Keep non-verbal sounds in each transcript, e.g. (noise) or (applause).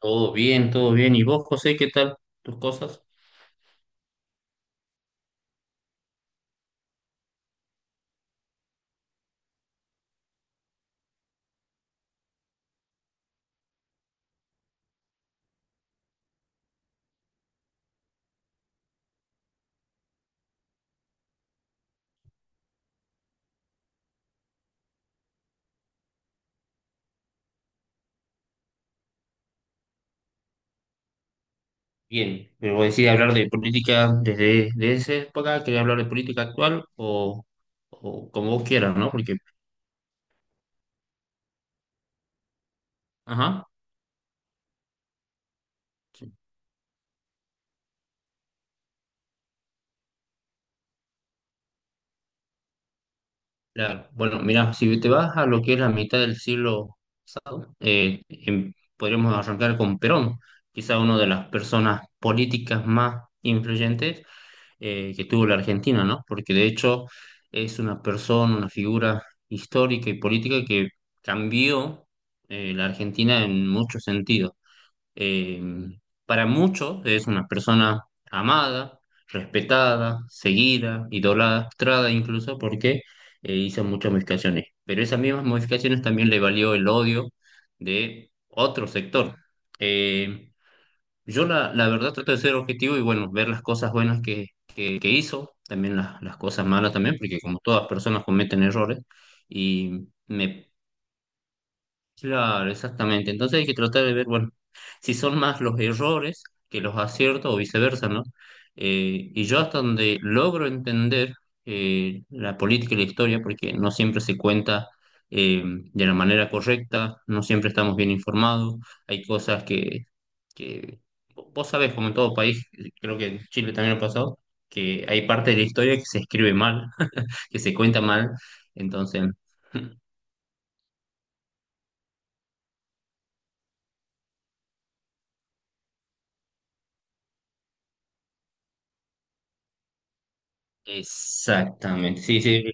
Todo bien, todo bien. ¿Y vos, José, qué tal tus cosas? Bien, pero decir hablar de política desde, de esa época, quería hablar de política actual o como vos quieras, ¿no? Porque, ajá, sí, claro. Bueno, mira, si te vas a lo que es la mitad del siglo, podríamos arrancar con Perón, quizá una de las personas políticas más influyentes que tuvo la Argentina, ¿no? Porque de hecho es una persona, una figura histórica y política que cambió la Argentina en muchos sentidos. Eh, para muchos es una persona amada, respetada, seguida, idolatrada incluso porque hizo muchas modificaciones. Pero esas mismas modificaciones también le valió el odio de otro sector. Eh, yo la verdad trato de ser objetivo y bueno, ver las cosas buenas que hizo, también las cosas malas también, porque como todas personas cometen errores y me... Claro, exactamente. Entonces hay que tratar de ver, bueno, si son más los errores que los aciertos o viceversa, ¿no? Y yo hasta donde logro entender la política y la historia, porque no siempre se cuenta de la manera correcta, no siempre estamos bien informados, hay cosas que vos sabés, como en todo país, creo que en Chile también lo ha pasado, que hay parte de la historia que se escribe mal, (laughs) que se cuenta mal. Entonces, exactamente. Sí, sí,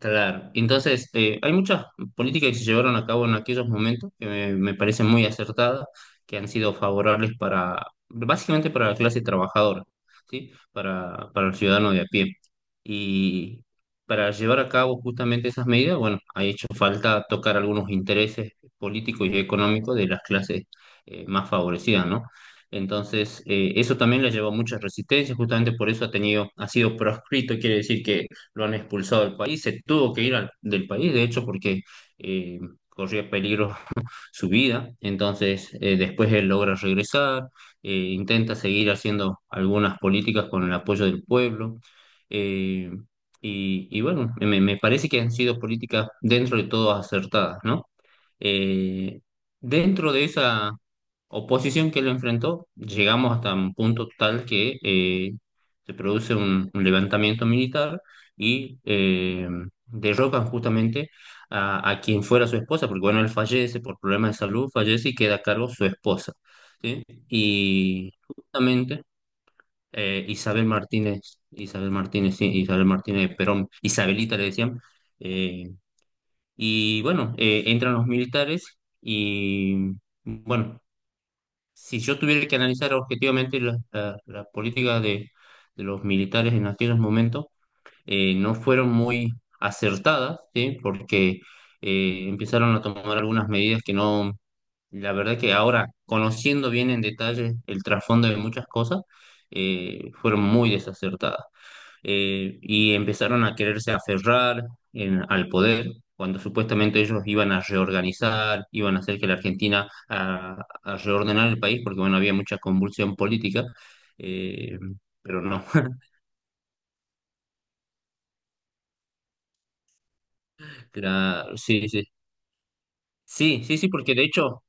claro, entonces hay muchas políticas que se llevaron a cabo en aquellos momentos que me parecen muy acertadas, que han sido favorables para, básicamente para la clase trabajadora, ¿sí? Para el ciudadano de a pie. Y para llevar a cabo justamente esas medidas, bueno, ha hecho falta tocar algunos intereses políticos y económicos de las clases más favorecidas, ¿no? Entonces, eso también le llevó a muchas resistencias, justamente por eso ha tenido, ha sido proscrito, quiere decir que lo han expulsado del país, se tuvo que ir del país, de hecho, porque eh, corría peligro (laughs) su vida. Entonces, después él logra regresar, intenta seguir haciendo algunas políticas con el apoyo del pueblo. eh, y, y bueno, me parece que han sido políticas dentro de todo acertadas, ¿no? Eh, Dentro de esa oposición que lo enfrentó, llegamos hasta un punto tal que se produce un levantamiento militar y derrocan justamente a quien fuera su esposa, porque bueno, él fallece por problemas de salud, fallece y queda a cargo su esposa, ¿sí? Y justamente Isabel Martínez, Isabel Martínez, sí, Isabel Martínez de Perón, Isabelita le decían, eh, y bueno, entran los militares y bueno, si yo tuviera que analizar objetivamente la política de los militares en aquellos momentos, no fueron muy acertadas, ¿sí? Porque empezaron a tomar algunas medidas que no, la verdad que ahora, conociendo bien en detalle el trasfondo de muchas cosas, fueron muy desacertadas y empezaron a quererse aferrar al poder cuando supuestamente ellos iban a reorganizar, iban a hacer que la Argentina a reordenar el país, porque bueno, había mucha convulsión política, eh, pero no. (laughs) Sí, sí, sí, sí, sí, porque de hecho,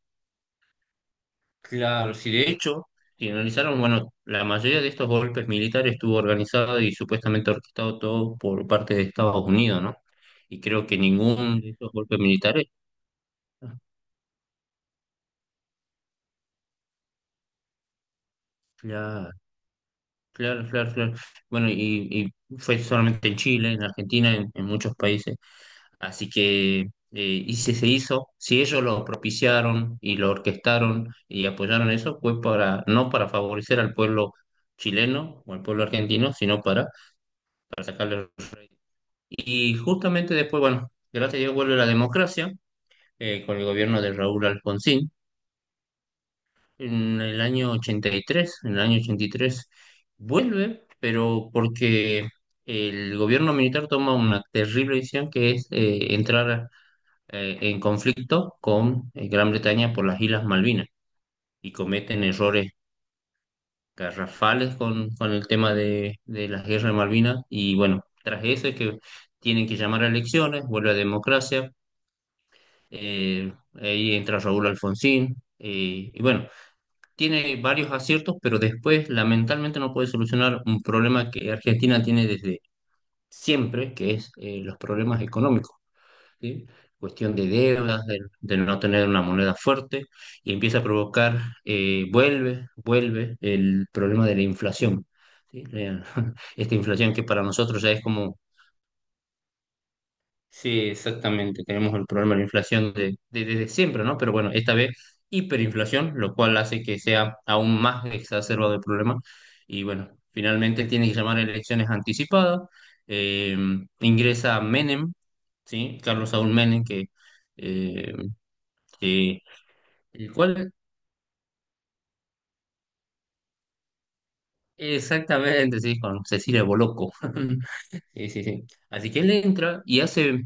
claro, sí, de hecho, si analizaron, bueno, la mayoría de estos golpes militares estuvo organizado y supuestamente orquestado todo por parte de Estados Unidos, ¿no? Y creo que ningún de estos golpes militares, claro, claro, claro, claro. Bueno, y fue solamente en Chile, en Argentina, en muchos países. Así que, y si se hizo, si ellos lo propiciaron y lo orquestaron y apoyaron eso, fue para, no para favorecer al pueblo chileno o al pueblo argentino, sino para sacarle los réditos. Y justamente después, bueno, gracias a Dios vuelve la democracia con el gobierno de Raúl Alfonsín. En el año 83, en el año 83 vuelve, pero porque el gobierno militar toma una terrible decisión que es entrar en conflicto con Gran Bretaña por las Islas Malvinas y cometen errores garrafales con el tema de la guerra de Malvinas y bueno, tras eso es que tienen que llamar a elecciones, vuelve a democracia, ahí entra Raúl Alfonsín y bueno, tiene varios aciertos, pero después lamentablemente no puede solucionar un problema que Argentina tiene desde siempre, que es los problemas económicos, ¿sí? Cuestión de deudas, de no tener una moneda fuerte, y empieza a provocar, vuelve, vuelve el problema de la inflación. ¿Sí? (laughs) Esta inflación que para nosotros ya es como sí, exactamente. Tenemos el problema de la inflación de, desde siempre, ¿no? Pero bueno, esta vez hiperinflación, lo cual hace que sea aún más exacerbado el problema. Y bueno, finalmente tiene que llamar a elecciones anticipadas. Eh, Ingresa Menem, ¿sí? Carlos Saúl Menem, que, eh, que- el cual exactamente, sí, con Cecilia Boloco. (laughs) Sí, sí, sí. Así que él entra y hace...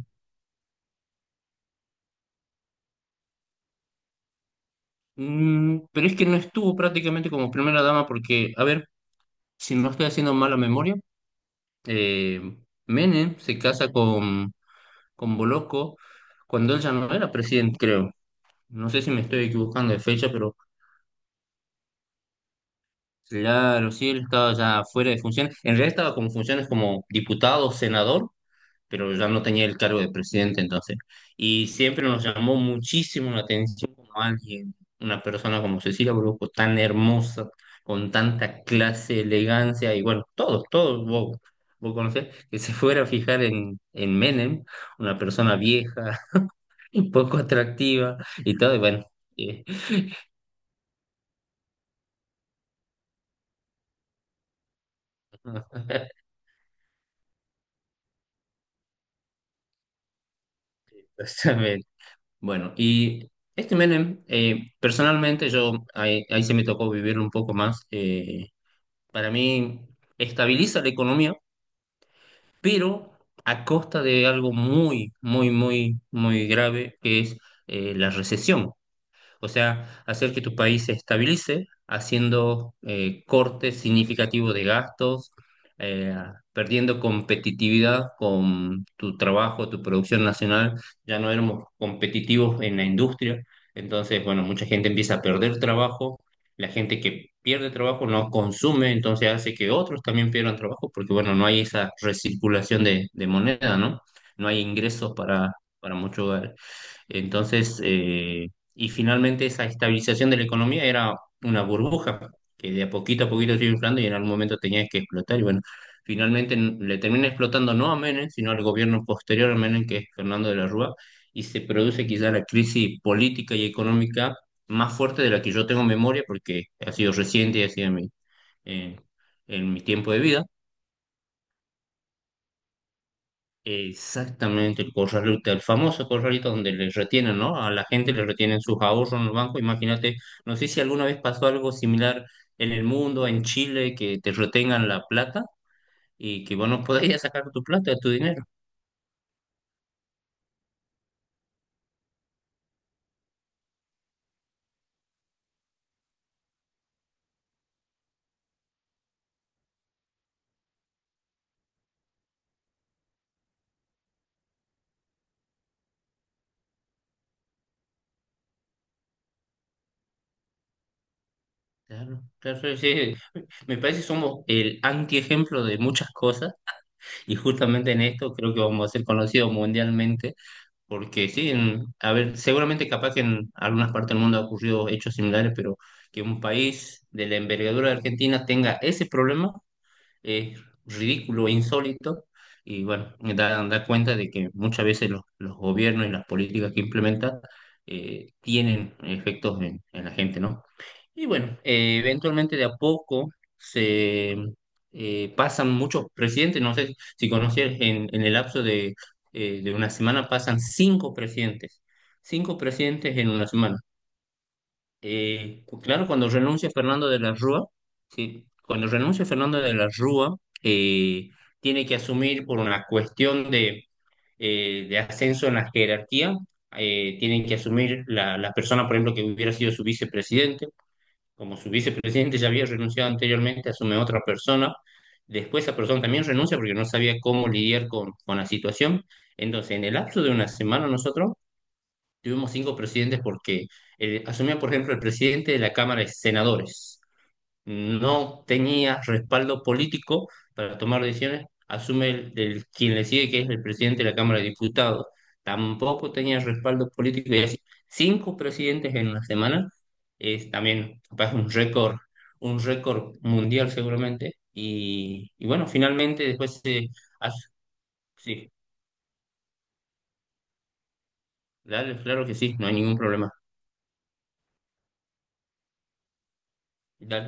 Mm, pero es que no estuvo prácticamente como primera dama porque, a ver. Si no estoy haciendo mala memoria, eh, Menem se casa con Bolocco cuando él ya no era presidente, creo. No sé si me estoy equivocando de fecha, pero claro, sí, él estaba ya fuera de funciones. En realidad estaba con funciones como diputado, senador, pero ya no tenía el cargo de presidente entonces. Y siempre nos llamó muchísimo la atención como alguien, una persona como Cecilia Brusco, tan hermosa, con tanta clase, elegancia, y bueno, todos, todos, vos, vos conocés, que se fuera a fijar en Menem, una persona vieja, (laughs) un poco atractiva y todo, y bueno. eh, (laughs) Exactamente. Bueno, y este Menem, personalmente yo, ahí se me tocó vivir un poco más, para mí estabiliza la economía, pero a costa de algo muy grave, que es la recesión. O sea, hacer que tu país se estabilice haciendo cortes significativos de gastos, eh, perdiendo competitividad con tu trabajo, tu producción nacional. Ya no éramos competitivos en la industria. Entonces, bueno, mucha gente empieza a perder trabajo. La gente que pierde trabajo no consume, entonces hace que otros también pierdan trabajo, porque bueno, no hay esa recirculación de moneda, ¿no? No hay ingresos para muchos hogares. Entonces, y finalmente esa estabilización de la economía era una burbuja que de a poquito se iba inflando y en algún momento tenía que explotar. Y bueno, finalmente le termina explotando no a Menem, sino al gobierno posterior a Menem, que es Fernando de la Rúa, y se produce quizá la crisis política y económica más fuerte de la que yo tengo memoria, porque ha sido reciente y ha sido en en mi tiempo de vida. Exactamente, el corralito, el famoso corralito donde les retienen, ¿no? A la gente le retienen sus ahorros en los bancos. Imagínate, no sé si alguna vez pasó algo similar en el mundo, en Chile, que te retengan la plata y que vos no podías sacar tu plata, tu dinero. Claro, claro, sí. Me parece que somos el antiejemplo de muchas cosas y justamente en esto creo que vamos a ser conocidos mundialmente. Porque sí, a ver, seguramente capaz que en algunas partes del mundo ha ocurrido hechos similares, pero que un país de la envergadura de Argentina tenga ese problema es ridículo e insólito, y bueno, da, da cuenta de que muchas veces los gobiernos y las políticas que implementan tienen efectos en la gente, ¿no? Y bueno, eventualmente de a poco se pasan muchos presidentes, no sé si conocías, en el lapso de una semana pasan cinco presidentes en una semana. Claro, cuando renuncia Fernando de la Rúa, sí, cuando renuncia Fernando de la Rúa, eh, tiene que asumir por una cuestión de ascenso en la jerarquía, tienen que asumir la persona, por ejemplo, que hubiera sido su vicepresidente como su vicepresidente ya había renunciado anteriormente, asume otra persona. Después esa persona también renuncia porque no sabía cómo lidiar con la situación. Entonces, en el lapso de una semana nosotros tuvimos cinco presidentes porque asumía, por ejemplo, el presidente de la Cámara de Senadores no tenía respaldo político para tomar decisiones, asume quien le sigue, que es el presidente de la Cámara de Diputados. Tampoco tenía respaldo político, y así, cinco presidentes en una semana, es también capaz un récord mundial seguramente. Y bueno, finalmente después se... as- Sí, dale, claro que sí, no hay ningún problema. Dale.